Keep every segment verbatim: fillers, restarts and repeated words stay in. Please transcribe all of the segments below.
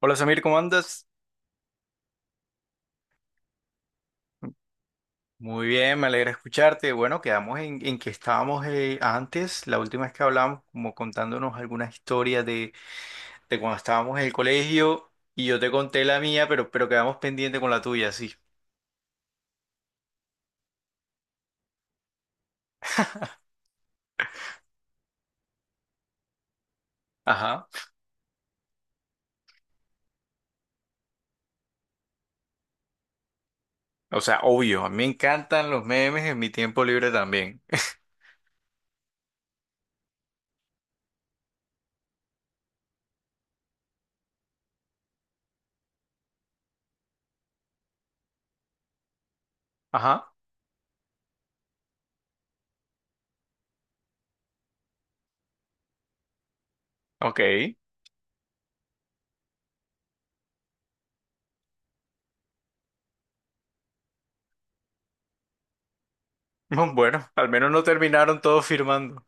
Hola Samir, ¿cómo andas? Muy bien, me alegra escucharte. Bueno, quedamos en, en que estábamos eh, antes, la última vez que hablamos, como contándonos algunas historias de, de cuando estábamos en el colegio y yo te conté la mía, pero, pero quedamos pendiente con la tuya, sí. Ajá. O sea, obvio, a mí me encantan los memes en mi tiempo libre también. Ajá, ok. Bueno, al menos no terminaron todos firmando.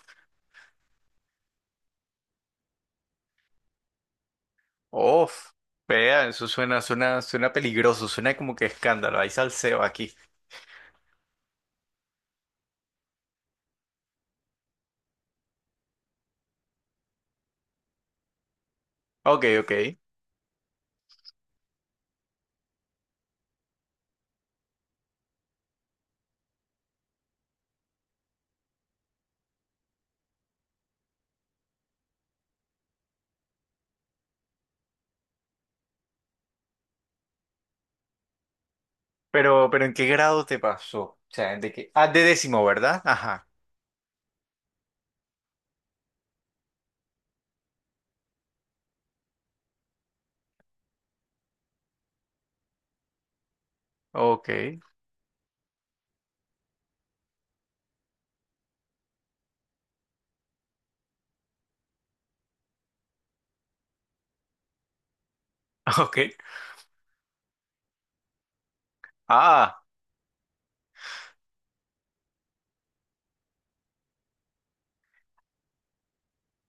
Uf, vea, eso suena, suena, suena peligroso, suena como que escándalo, hay salseo aquí. Ok, ok. Pero, pero ¿en qué grado te pasó? O sea, ¿de qué? Ah, de décimo, ¿verdad? Ajá. Ok, ok. Ah,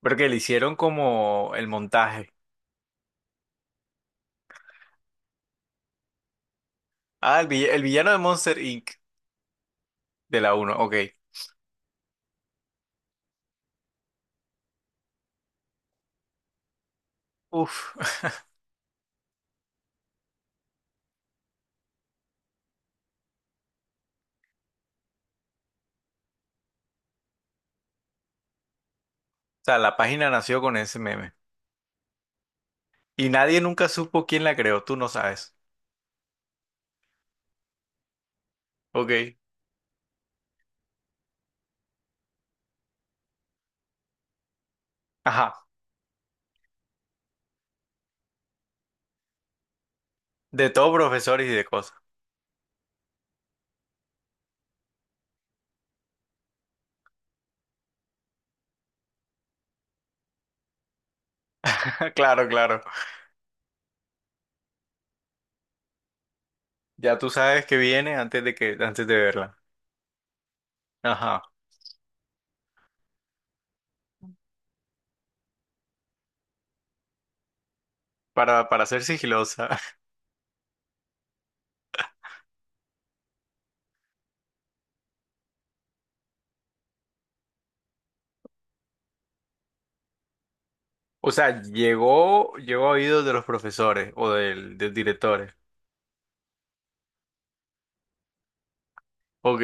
porque le hicieron como el montaje. Ah, el, vill- el villano de Monster inc de la uno. Ok. Uf. O sea, la página nació con ese meme. Y nadie nunca supo quién la creó, tú no sabes. Ok. Ajá. De todo profesores y de cosas. Claro, claro. Ya tú sabes que viene antes de que, antes de verla. Ajá. Para, para ser sigilosa. O sea, llegó, llegó a oídos de los profesores o del, de los directores. Ok,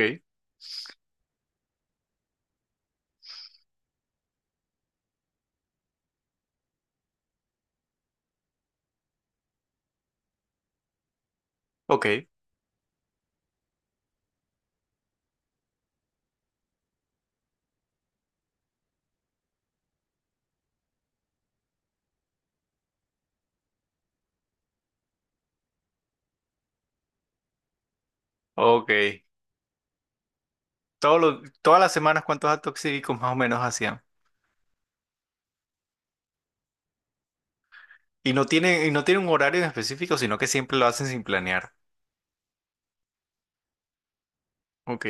ok, ok. Todos los- todas las semanas, ¿cuántos actos cívicos más o menos hacían? Y no tienen, y no tienen un horario en específico, sino que siempre lo hacen sin planear. Ok,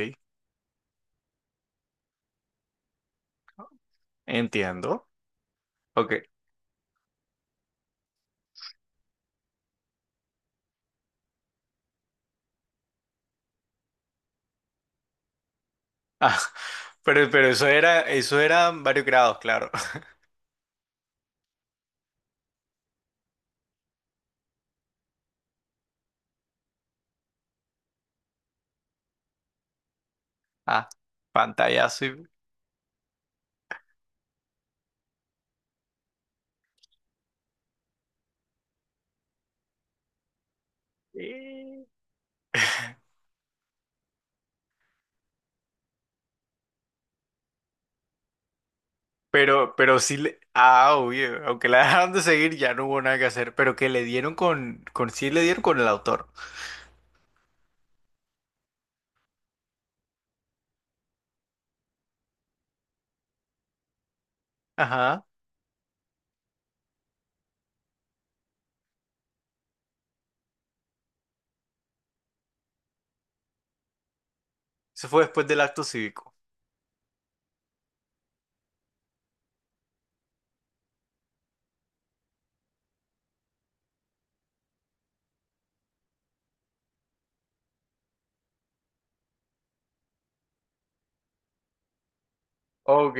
entiendo. Ok. Ah, pero, pero eso era, eso eran varios grados, claro. Ah, pantallazo y... Eh. Pero, pero sí le... Ah, obvio, aunque la dejaron de seguir ya no hubo nada que hacer, pero que le dieron con, con sí le dieron con el autor. Ajá. Eso fue después del acto cívico. Ok,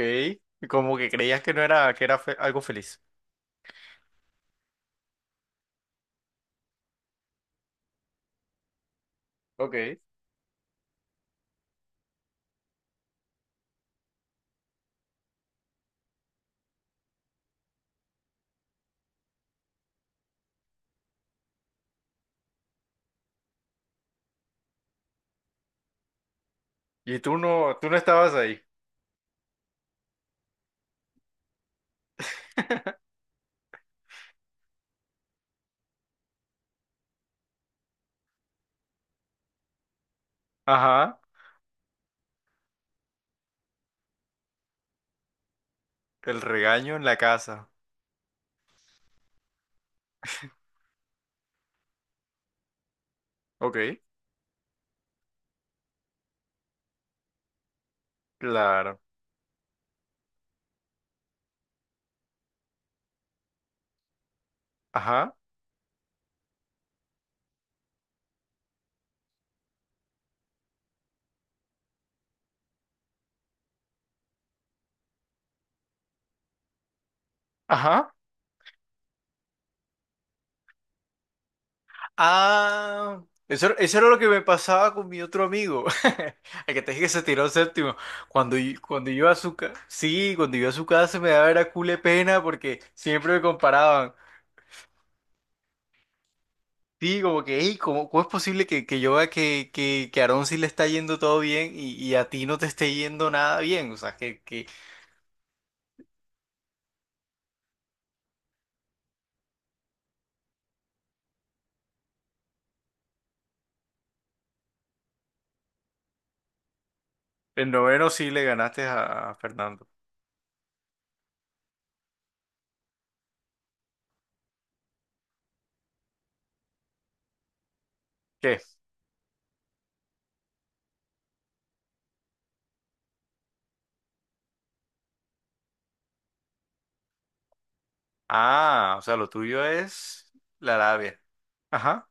como que creías que no era, que era fe- algo feliz. Ok. Y tú no, tú no estabas ahí. Ajá. El regaño en la casa. Ok. Claro. Ajá. Ajá. Ah, eso, eso era lo que me pasaba con mi otro amigo. El que te dije que se tiró séptimo. Cuando, y- cuando iba a su casa. Sí, cuando iba a su casa me daba era cule pena porque siempre me comparaban. Sí, como que, hey, ¿cómo, cómo es posible que, que yo vea que, que, que a Aarón sí le está yendo todo bien y, y a ti no te esté yendo nada bien? O sea, que, que en noveno sí le ganaste a, a Fernando. ¿Qué? Ah, o sea, lo tuyo es la labia. Ajá.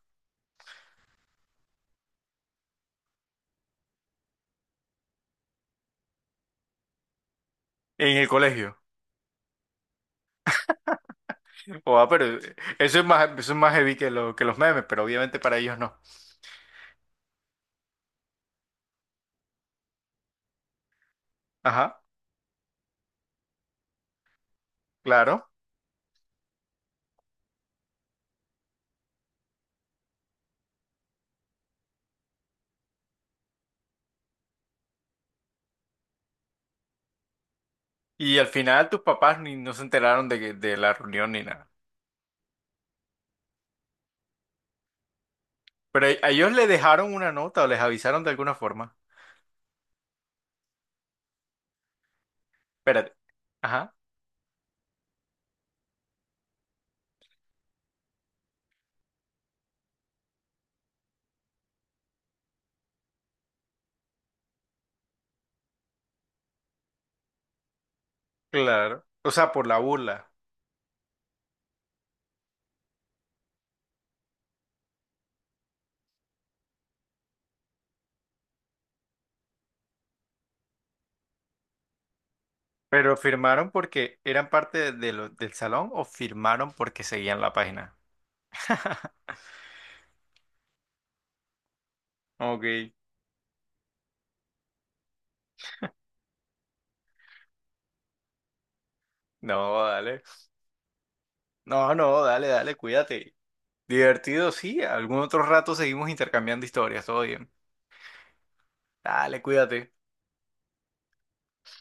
En el colegio. Oh, ah, pero eh, eso es más, eso es más heavy que, lo, que los memes, pero obviamente para ellos no. Ajá, claro. Y al final tus papás ni no se enteraron de, que- de la reunión ni nada. Pero a ellos le dejaron una nota o les avisaron de alguna forma. Espérate. Ajá. Claro. O sea, por la burla. Pero firmaron porque eran parte de lo- del salón o firmaron porque seguían la página. Ok. No, dale. No, no, dale, dale, cuídate. Divertido, sí. Algún otro rato seguimos intercambiando historias, todo bien. Dale, cuídate.